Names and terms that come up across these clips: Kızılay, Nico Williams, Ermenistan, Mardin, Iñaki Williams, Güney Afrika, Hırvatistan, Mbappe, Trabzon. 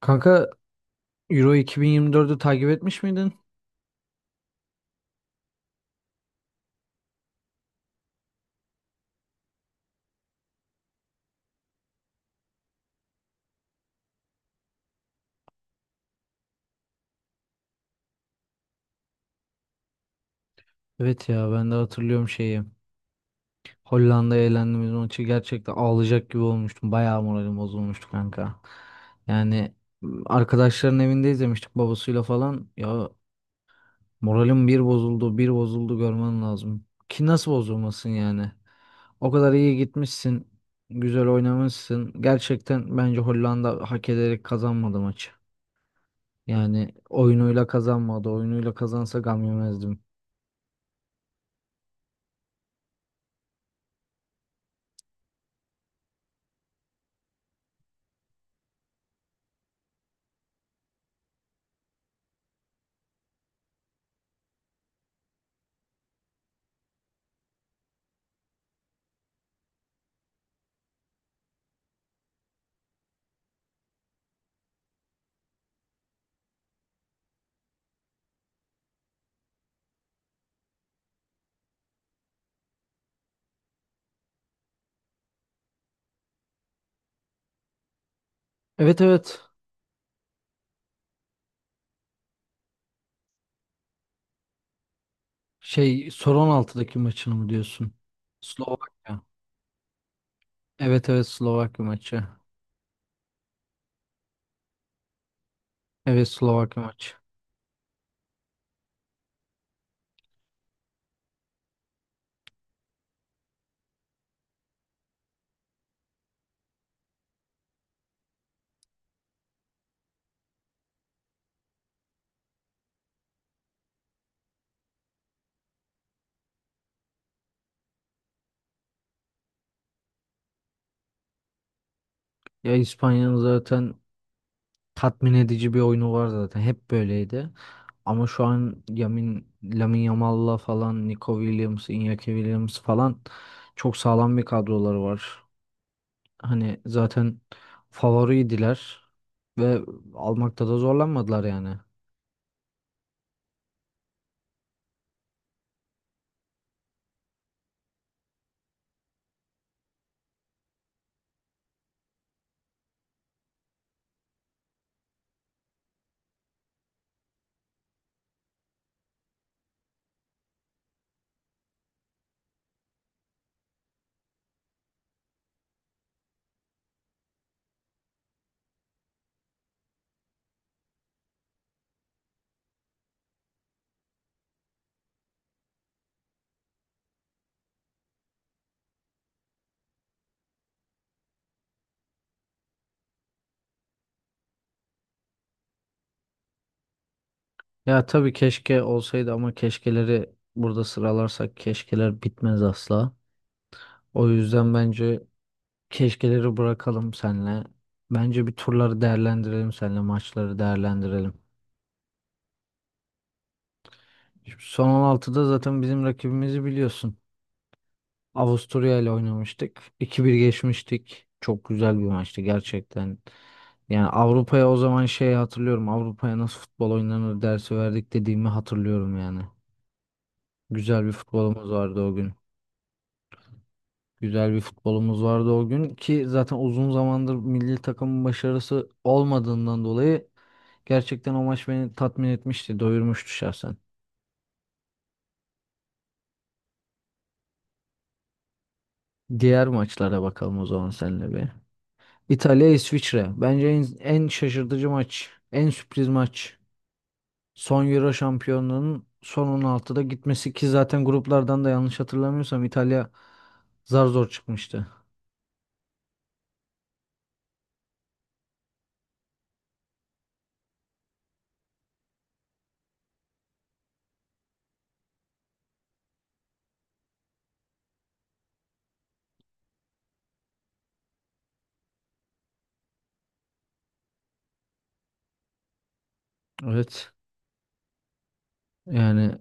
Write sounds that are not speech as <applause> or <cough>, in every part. Kanka, Euro 2024'ü takip etmiş miydin? Evet ya ben de hatırlıyorum şeyi. Hollanda'ya elendiğimiz maçı gerçekten ağlayacak gibi olmuştum. Bayağı moralim bozulmuştu kanka. Yani arkadaşların evinde izlemiştik babasıyla falan. Ya moralim bir bozuldu bir bozuldu, görmen lazım. Ki nasıl bozulmasın yani? O kadar iyi gitmişsin. Güzel oynamışsın. Gerçekten bence Hollanda hak ederek kazanmadı maçı. Yani oyunuyla kazanmadı. Oyunuyla kazansa gam yemezdim. Evet, evet. Şey, son 16'daki maçını mı diyorsun? Slovakya. Evet, evet, Slovakya maçı. Evet, Slovakya maçı. Ya İspanya'nın zaten tatmin edici bir oyunu var zaten. Hep böyleydi. Ama şu an Lamine Yamal'la falan, Nico Williams, Iñaki Williams falan çok sağlam bir kadroları var. Hani zaten favoriydiler ve almakta da zorlanmadılar yani. Ya tabii, keşke olsaydı ama keşkeleri burada sıralarsak keşkeler bitmez asla. O yüzden bence keşkeleri bırakalım senle. Bence bir turları değerlendirelim senle, maçları değerlendirelim. Şimdi son 16'da zaten bizim rakibimizi biliyorsun. Avusturya ile oynamıştık. 2 bir geçmiştik. Çok güzel bir maçtı gerçekten. Yani Avrupa'ya o zaman şey hatırlıyorum. Avrupa'ya nasıl futbol oynanır dersi verdik dediğimi hatırlıyorum yani. Güzel bir futbolumuz vardı o gün. Güzel bir futbolumuz vardı o gün ki zaten uzun zamandır milli takımın başarısı olmadığından dolayı gerçekten o maç beni tatmin etmişti, doyurmuştu şahsen. Diğer maçlara bakalım o zaman seninle bir. İtalya İsviçre. Bence en şaşırtıcı maç, en sürpriz maç. Son Euro şampiyonluğunun son 16'da gitmesi ki zaten gruplardan da yanlış hatırlamıyorsam İtalya zar zor çıkmıştı. Evet. Yani,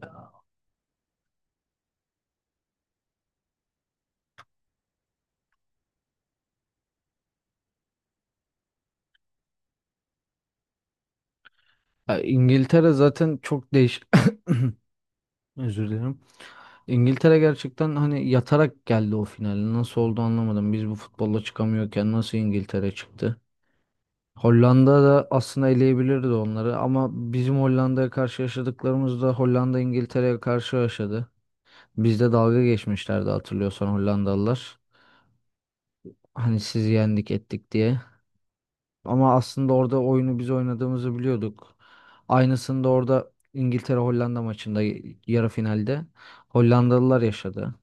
İngiltere zaten çok değiş <coughs> özür dilerim. İngiltere gerçekten hani yatarak geldi o finale. Nasıl oldu anlamadım. Biz bu futbolla çıkamıyorken nasıl İngiltere çıktı? Hollanda da aslında eleyebilirdi onları ama bizim Hollanda'ya karşı yaşadıklarımız da Hollanda İngiltere'ye karşı yaşadı. Bizde dalga geçmişlerdi hatırlıyorsan Hollandalılar. Hani sizi yendik ettik diye. Ama aslında orada oyunu biz oynadığımızı biliyorduk. Aynısını da orada İngiltere Hollanda maçında yarı finalde Hollandalılar yaşadı.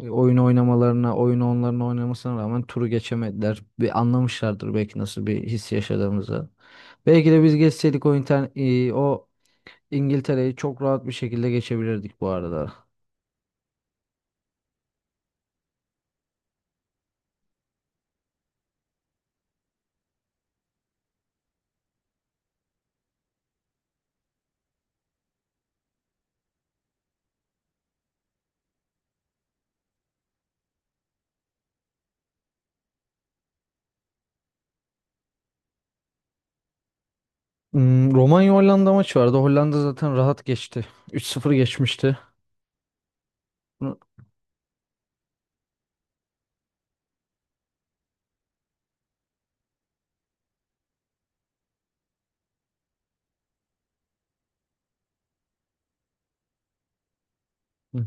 Oyun oynamalarına, oyunu onların oynamasına rağmen turu geçemediler. Bir anlamışlardır belki nasıl bir his yaşadığımızı. Belki de biz geçseydik o İngiltere'yi çok rahat bir şekilde geçebilirdik bu arada. Romanya-Hollanda maçı vardı. Hollanda zaten rahat geçti. 3-0 geçmişti. Bunu- hı,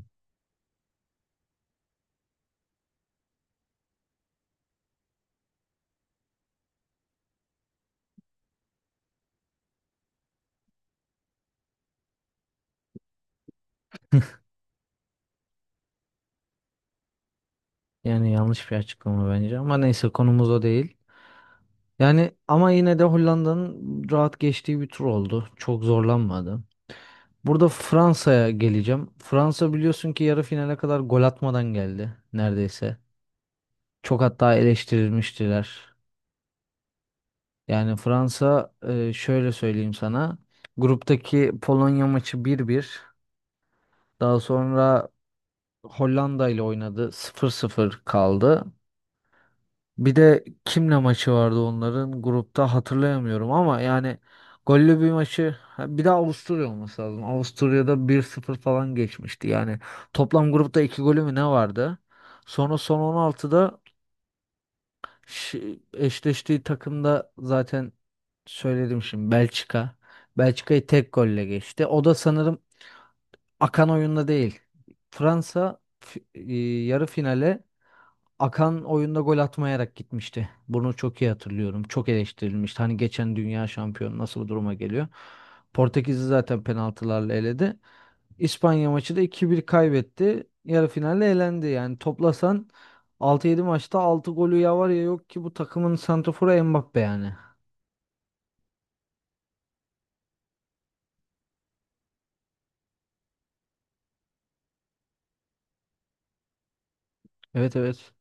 Yani yanlış bir açıklama bence ama neyse konumuz o değil. Yani ama yine de Hollanda'nın rahat geçtiği bir tur oldu. Çok zorlanmadı. Burada Fransa'ya geleceğim. Fransa biliyorsun ki yarı finale kadar gol atmadan geldi neredeyse. Çok hatta eleştirilmiştiler. Yani Fransa, şöyle söyleyeyim sana. Gruptaki Polonya maçı 1-1. Daha sonra Hollanda ile oynadı, 0-0 kaldı. Bir de kimle maçı vardı onların grupta hatırlayamıyorum ama yani gollü bir maçı, ha, bir de Avusturya olması lazım. Avusturya'da 1-0 falan geçmişti. Yani toplam grupta 2 golü mü ne vardı? Sonra son 16'da eşleştiği takımda zaten söyledim şimdi, Belçika. Belçika'yı tek golle geçti. O da sanırım akan oyunda değil. Fransa yarı finale akan oyunda gol atmayarak gitmişti. Bunu çok iyi hatırlıyorum. Çok eleştirilmişti. Hani geçen dünya şampiyonu nasıl bu duruma geliyor? Portekiz'i zaten penaltılarla eledi. İspanya maçı da 2-1 kaybetti. Yarı finalde elendi. Yani toplasan altı yedi maçta altı golü ya var ya yok ki bu takımın santraforu Mbappe yani. Evet, evet.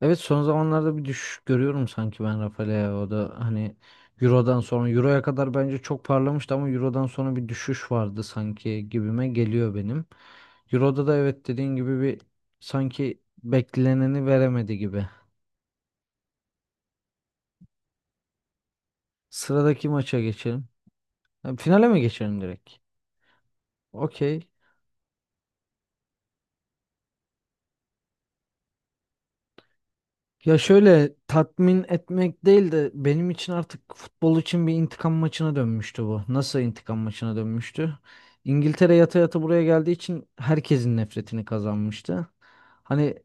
Evet, son zamanlarda bir düşüş görüyorum sanki ben Rafael'e, o da hani Euro'dan sonra Euro'ya kadar bence çok parlamıştı ama Euro'dan sonra bir düşüş vardı sanki, gibime geliyor benim. Euro'da da evet, dediğin gibi bir sanki bekleneni veremedi gibi. Sıradaki maça geçelim. Ha, finale mi geçelim direkt? Okey. Ya şöyle, tatmin etmek değil de benim için artık futbol için bir intikam maçına dönmüştü bu. Nasıl intikam maçına dönmüştü? İngiltere yata yata buraya geldiği için herkesin nefretini kazanmıştı. Hani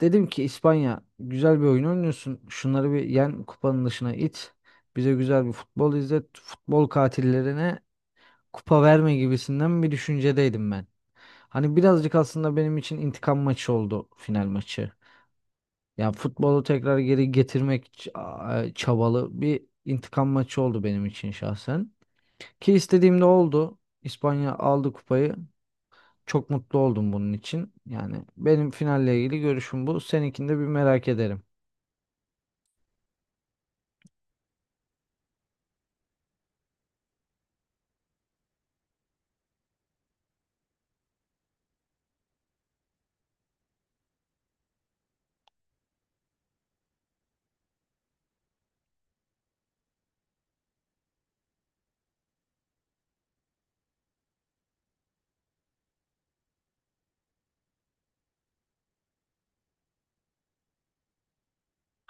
dedim ki İspanya, güzel bir oyun oynuyorsun. Şunları bir yen, kupanın dışına it. Bize güzel bir futbol izlet. Futbol katillerine kupa verme gibisinden bir düşüncedeydim ben. Hani birazcık aslında benim için intikam maçı oldu final maçı. Yani futbolu tekrar geri getirmek çabalı bir intikam maçı oldu benim için şahsen. Ki istediğim de oldu. İspanya aldı kupayı. Çok mutlu oldum bunun için. Yani benim finalle ilgili görüşüm bu. Seninkini de bir merak ederim.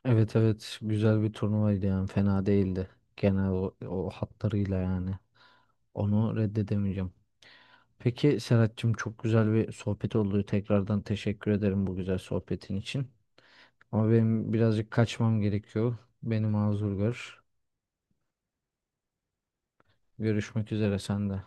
Evet, evet, güzel bir turnuvaydı yani, fena değildi. Genel o hatlarıyla yani. Onu reddedemeyeceğim. Peki Serhat'cığım, çok güzel bir sohbet oldu. Tekrardan teşekkür ederim bu güzel sohbetin için. Ama benim birazcık kaçmam gerekiyor. Beni mazur gör. Görüşmek üzere sende.